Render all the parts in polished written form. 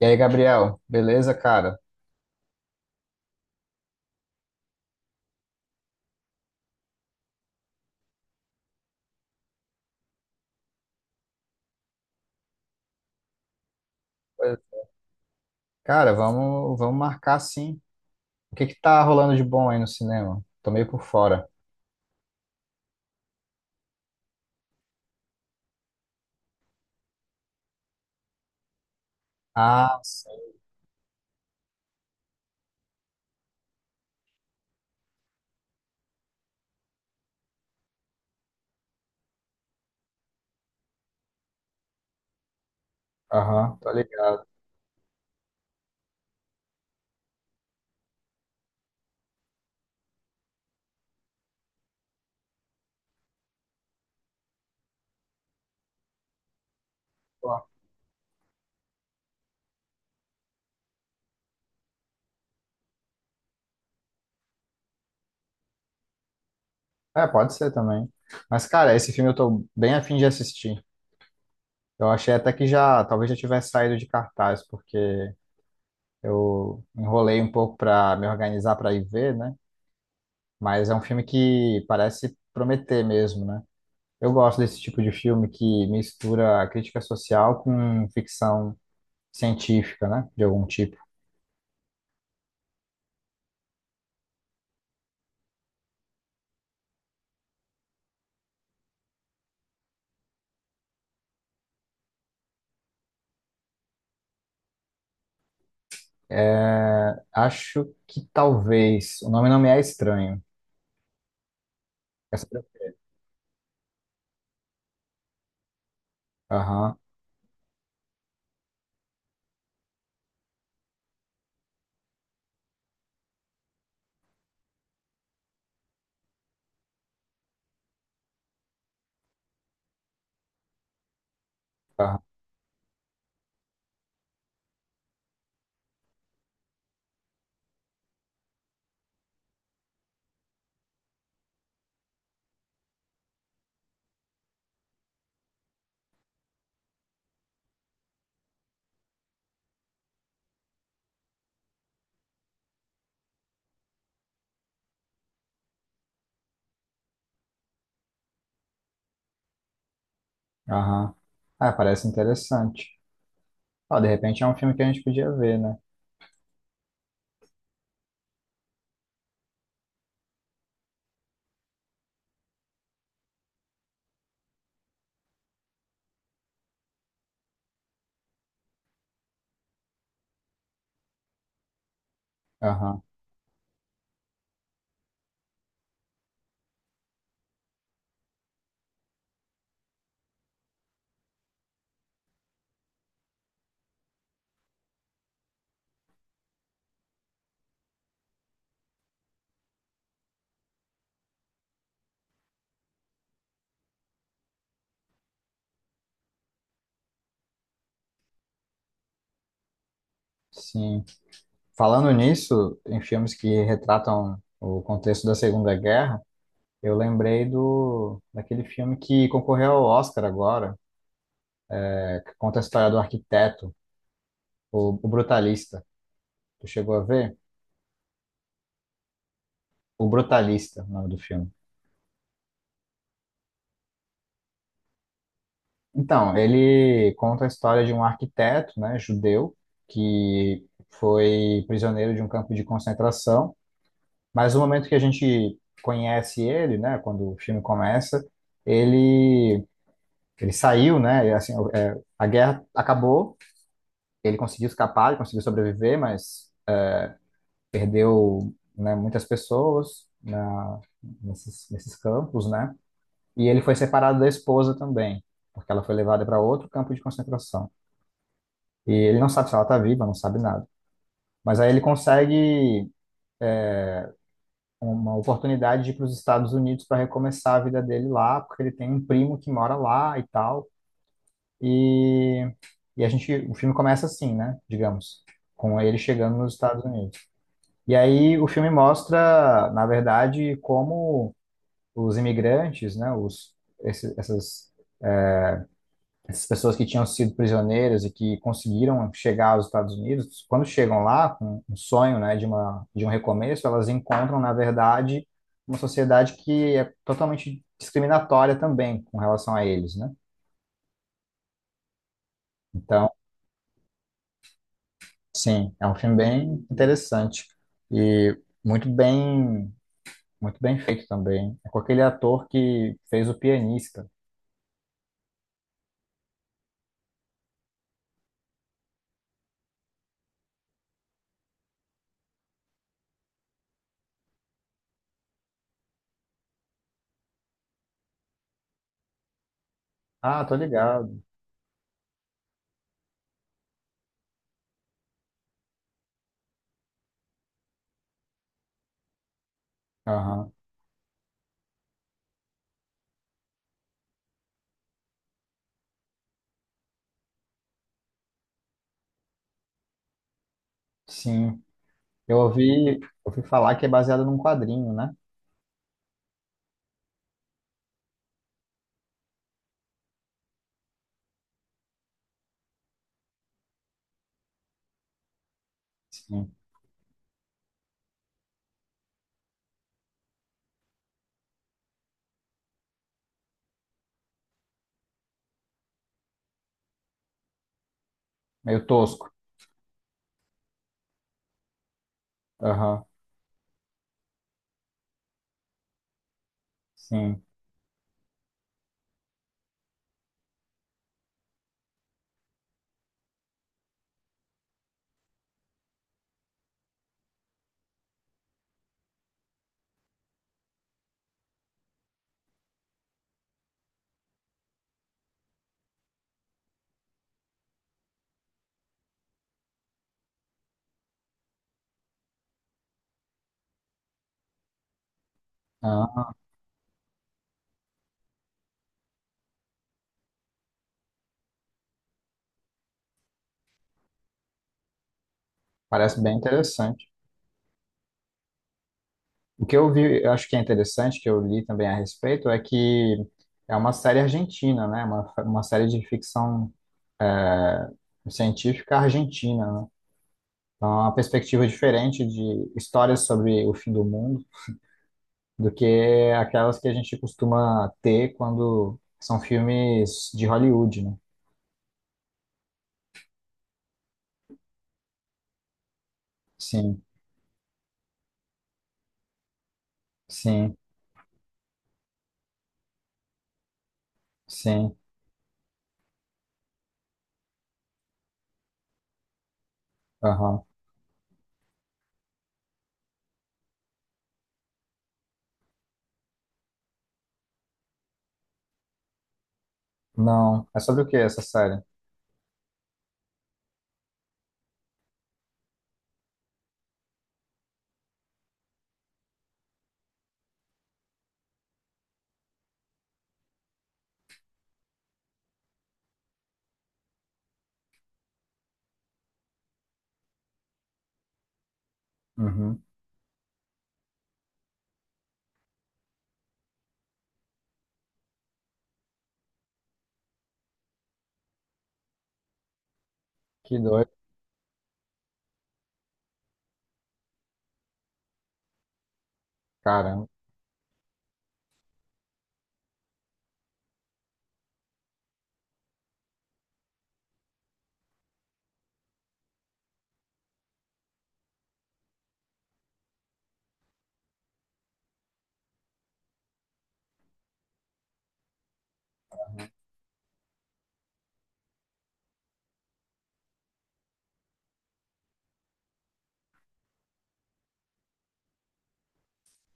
E aí, Gabriel, beleza, cara? Pois- Cara, vamos marcar sim. O que que tá rolando de bom aí no cinema? Tô meio por fora. Ah, sim. Aham, tô ligado. Pô, é, pode ser também. Mas, cara, esse filme eu tô bem afim de assistir. Eu achei até que já, talvez já tivesse saído de cartaz, porque eu enrolei um pouco pra me organizar pra ir ver, né? Mas é um filme que parece prometer mesmo, né? Eu gosto desse tipo de filme que mistura a crítica social com ficção científica, né? De algum tipo. É, acho que talvez. O nome não me é estranho. Essa- aham, aham, aham. Ah, parece interessante. Ó, de repente é um filme que a gente podia ver, né? Aham, sim. Falando nisso, em filmes que retratam o contexto da Segunda Guerra, eu lembrei do daquele filme que concorreu ao Oscar agora, que conta a história do arquiteto, o Brutalista. Tu chegou a ver? O Brutalista, o nome do filme. Então, ele conta a história de um arquiteto, né, judeu, que foi prisioneiro de um campo de concentração, mas no momento que a gente conhece ele, né, quando o filme começa, ele ele saiu, né, e assim, o- é, a guerra acabou, ele conseguiu escapar, ele conseguiu sobreviver, mas perdeu, né, muitas pessoas na, nesses campos, né, e ele foi separado da esposa também, porque ela foi levada para outro campo de concentração. E ele não sabe se ela está viva, não sabe nada. Mas aí ele consegue uma oportunidade de ir para os Estados Unidos para recomeçar a vida dele lá, porque ele tem um primo que mora lá e tal. E, e a gente, o filme começa assim, né? Digamos, com ele chegando nos Estados Unidos. E aí o filme mostra, na verdade, como os imigrantes, né? Os, esses, essas pessoas que tinham sido prisioneiras e que conseguiram chegar aos Estados Unidos, quando chegam lá com um sonho, né, de uma de um recomeço, elas encontram, na verdade, uma sociedade que é totalmente discriminatória também com relação a eles, né? Então, sim, é um filme bem interessante e muito bem muito bem feito também. É com aquele ator que fez o pianista. Ah, tô ligado. Aham. Sim. Eu ouvi, ouvi falar que é baseado num quadrinho, né? Meio tosco. Aham, sim. Ah, parece bem interessante. O que eu vi, eu acho que é interessante, que eu li também a respeito, é que é uma série argentina, né? Uma série de ficção é, científica argentina, né? Então, é uma perspectiva diferente de histórias sobre o fim do mundo do que aquelas que a gente costuma ter quando são filmes de Hollywood, né? Sim, sim, sim. Aham. Não. É sobre o que essa série? Uhum. Que doido, cara.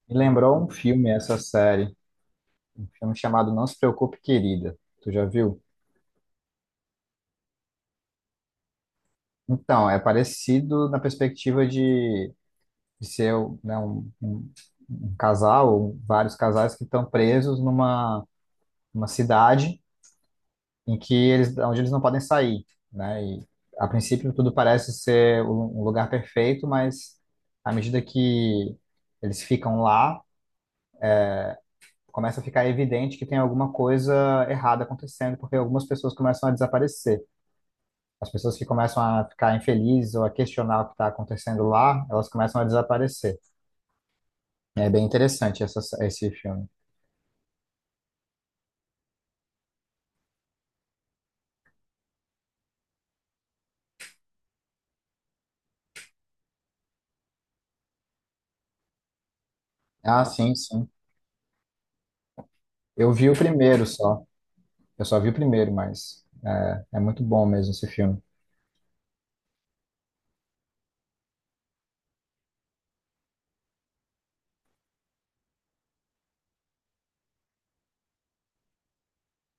Me lembrou um filme, essa série, um filme chamado Não Se Preocupe, Querida. Tu já viu? Então, é parecido na perspectiva de ser né, um- um casal, vários casais que estão presos numa, numa cidade em que eles, onde eles não podem sair, né? E a princípio tudo parece ser um um lugar perfeito, mas à medida que eles ficam lá, começa a ficar evidente que tem alguma coisa errada acontecendo, porque algumas pessoas começam a desaparecer. As pessoas que começam a ficar infelizes ou a questionar o que está acontecendo lá, elas começam a desaparecer. É bem interessante essa, esse filme. Ah, sim, sim. Eu vi o primeiro só. Eu só vi o primeiro, mas é, é muito bom mesmo esse filme.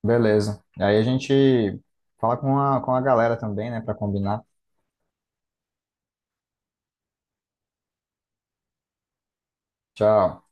Beleza. Aí a gente fala com a galera também, né, para combinar. Tchau.